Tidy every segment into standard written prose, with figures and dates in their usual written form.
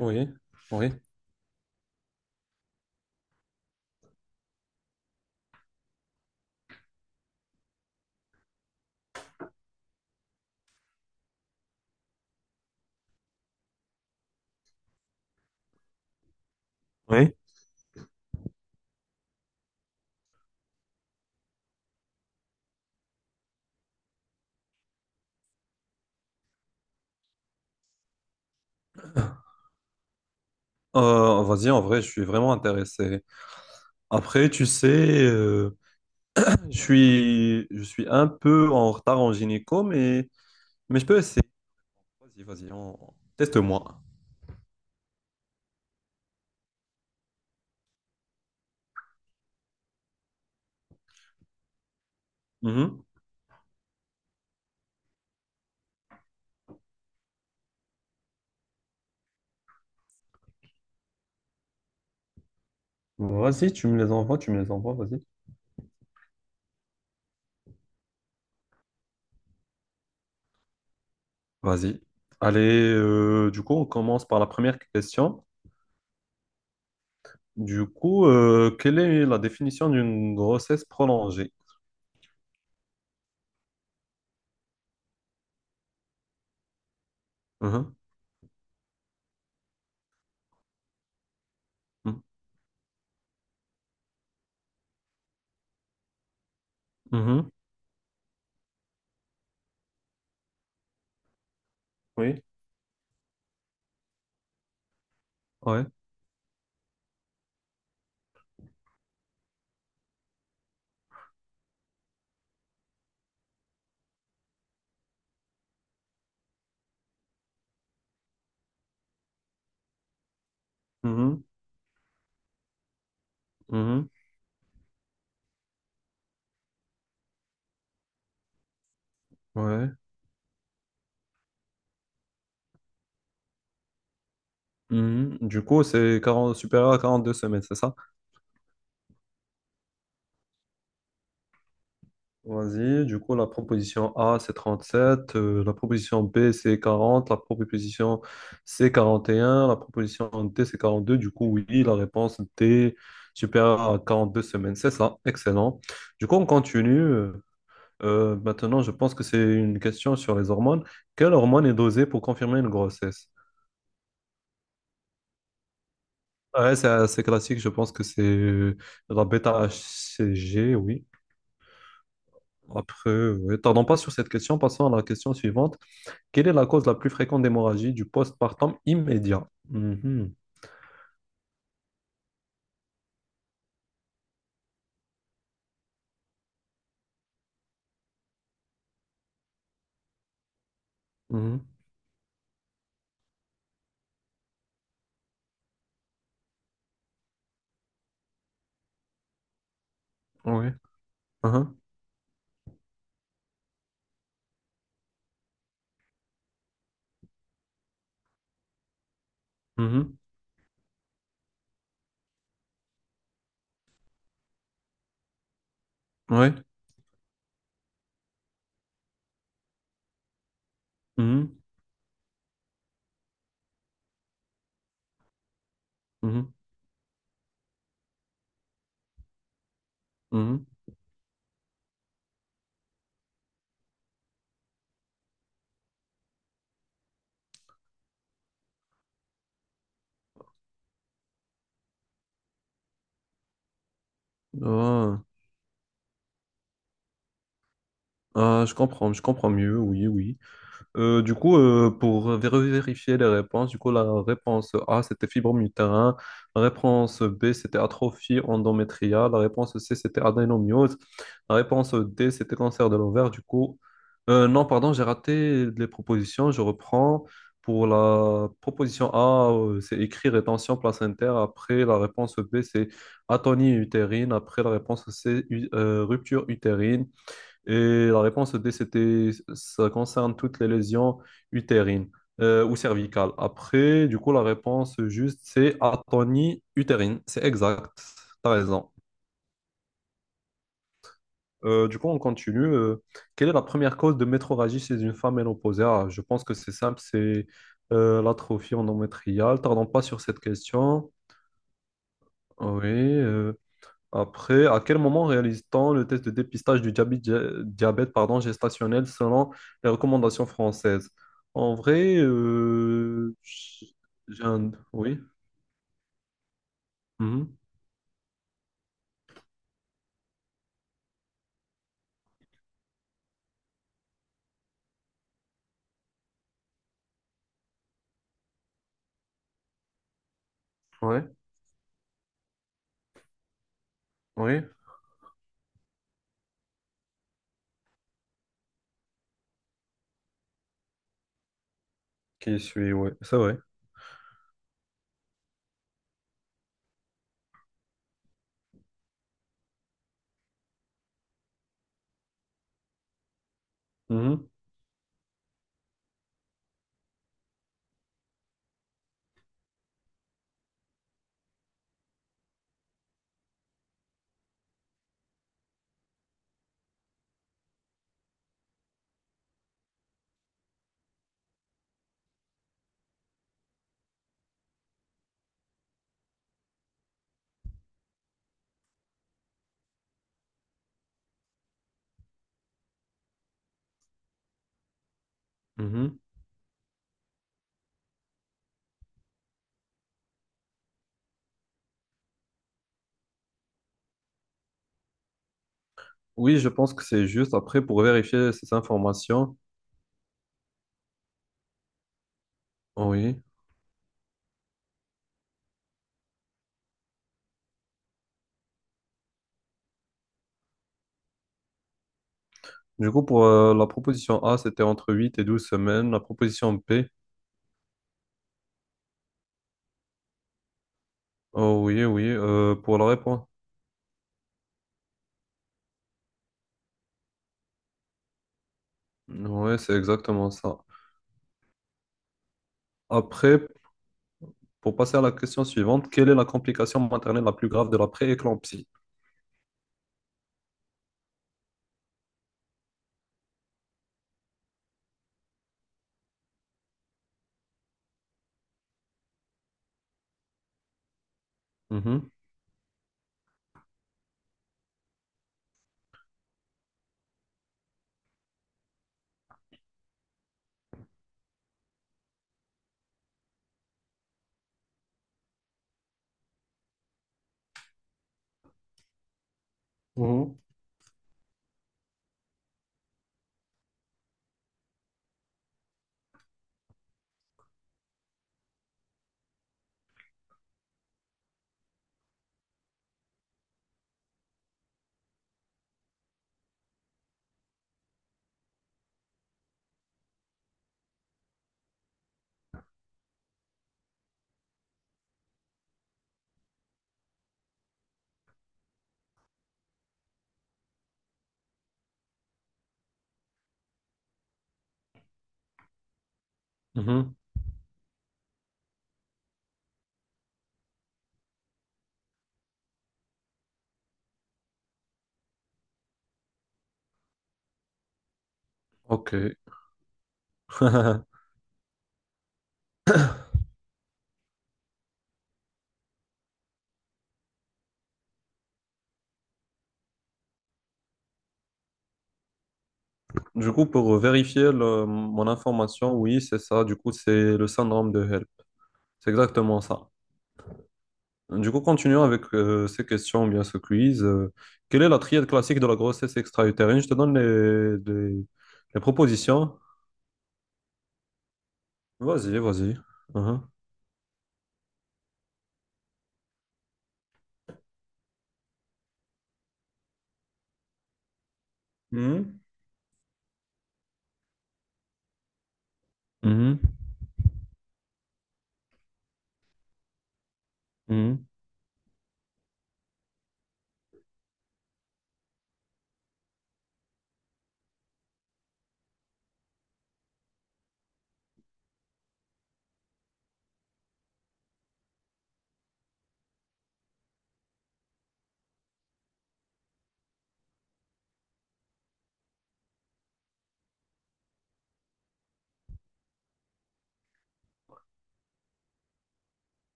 Oui, oui. Oui. Vas-y, en vrai, je suis vraiment intéressé. Après, tu sais, je suis un peu en retard en gynéco, mais je peux essayer. Vas-y, vas-y, teste-moi. Mhm. Vas-y, tu me les envoies, vas-y. Vas-y. Allez, du coup, on commence par la première question. Du coup, quelle est la définition d'une grossesse prolongée? Mhm. Mhm. Mhm. Oui, ouais. Mhm. Mhm. Ouais. Mhm. Du coup, c'est 40 supérieur à 42 semaines, c'est ça? Vas-y. Du coup, la proposition A, c'est 37. La proposition B, c'est quarante. La proposition C, quarante et un. La proposition D, c'est 42. Du coup, oui, la réponse D, supérieure à 42 semaines, c'est ça. Excellent. Du coup, on continue. Maintenant, je pense que c'est une question sur les hormones. Quelle hormone est dosée pour confirmer une grossesse? Ouais, c'est assez classique. Je pense que c'est la bêta-HCG, oui. Après, ouais, tardons pas sur cette question, passons à la question suivante. Quelle est la cause la plus fréquente d'hémorragie du postpartum immédiat? Mhm, mhm, ouais, uhum, mhm, ouais, mhm, mhm, mhm. Ah, ah, je comprends mieux, oui, oui. Pour vérifier les réponses, du coup, la réponse A, c'était fibrome utérin. La réponse B, c'était atrophie endométriale. La réponse C, c'était adénomyose. La réponse D, c'était cancer de l'ovaire. Du coup, non, pardon, j'ai raté les propositions. Je reprends. Pour la proposition A, c'est écrit rétention placentaire. Après, la réponse B, c'est atonie utérine. Après, la réponse C, rupture utérine. Et la réponse D, c'était, ça concerne toutes les lésions utérines ou cervicales. Après, du coup, la réponse juste, c'est atonie utérine. C'est exact. T'as raison. Du coup, on continue. Quelle est la première cause de métrorragie chez une femme ménopausée? Ah, je pense que c'est simple, c'est l'atrophie endométriale. Tardons pas sur cette question. Oui. Après, à quel moment réalise-t-on le test de dépistage du diabète, pardon, gestationnel selon les recommandations françaises? En vrai, j'ai un... Oui, mhm, ouais, oui, qui suit, ouais, c'est vrai. Mhm, mhm. Oui, je pense que c'est juste après pour vérifier ces informations. Oui. Du coup, pour la proposition A, c'était entre 8 et 12 semaines. La proposition P, oh oui, oui, pour la réponse. Oui, c'est exactement ça. Après, pour passer à la question suivante, quelle est la complication maternelle la plus grave de la pré-éclampsie? Mhm, mhm, mhm. Ok. Du coup, pour vérifier mon information, oui, c'est ça. Du coup, c'est le syndrome de Hell. C'est exactement ça. Du coup, continuons avec ces questions, ou bien ce quiz. Quelle est la triade classique de la grossesse extra-utérine? Je te donne les propositions. Vas-y, vas-y. Mhm. Mhm. Mhm,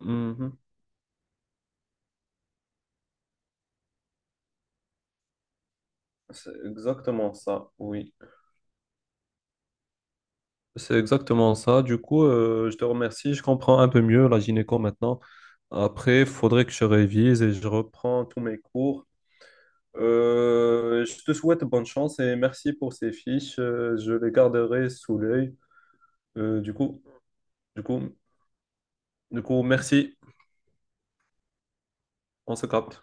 mhm, mhm. C'est exactement ça, oui. C'est exactement ça. Du coup, je te remercie. Je comprends un peu mieux la gynéco maintenant. Après, il faudrait que je révise et je reprends tous mes cours. Je te souhaite bonne chance et merci pour ces fiches. Je les garderai sous l'œil. Euh, du coup, du coup, du coup, merci. On se capte.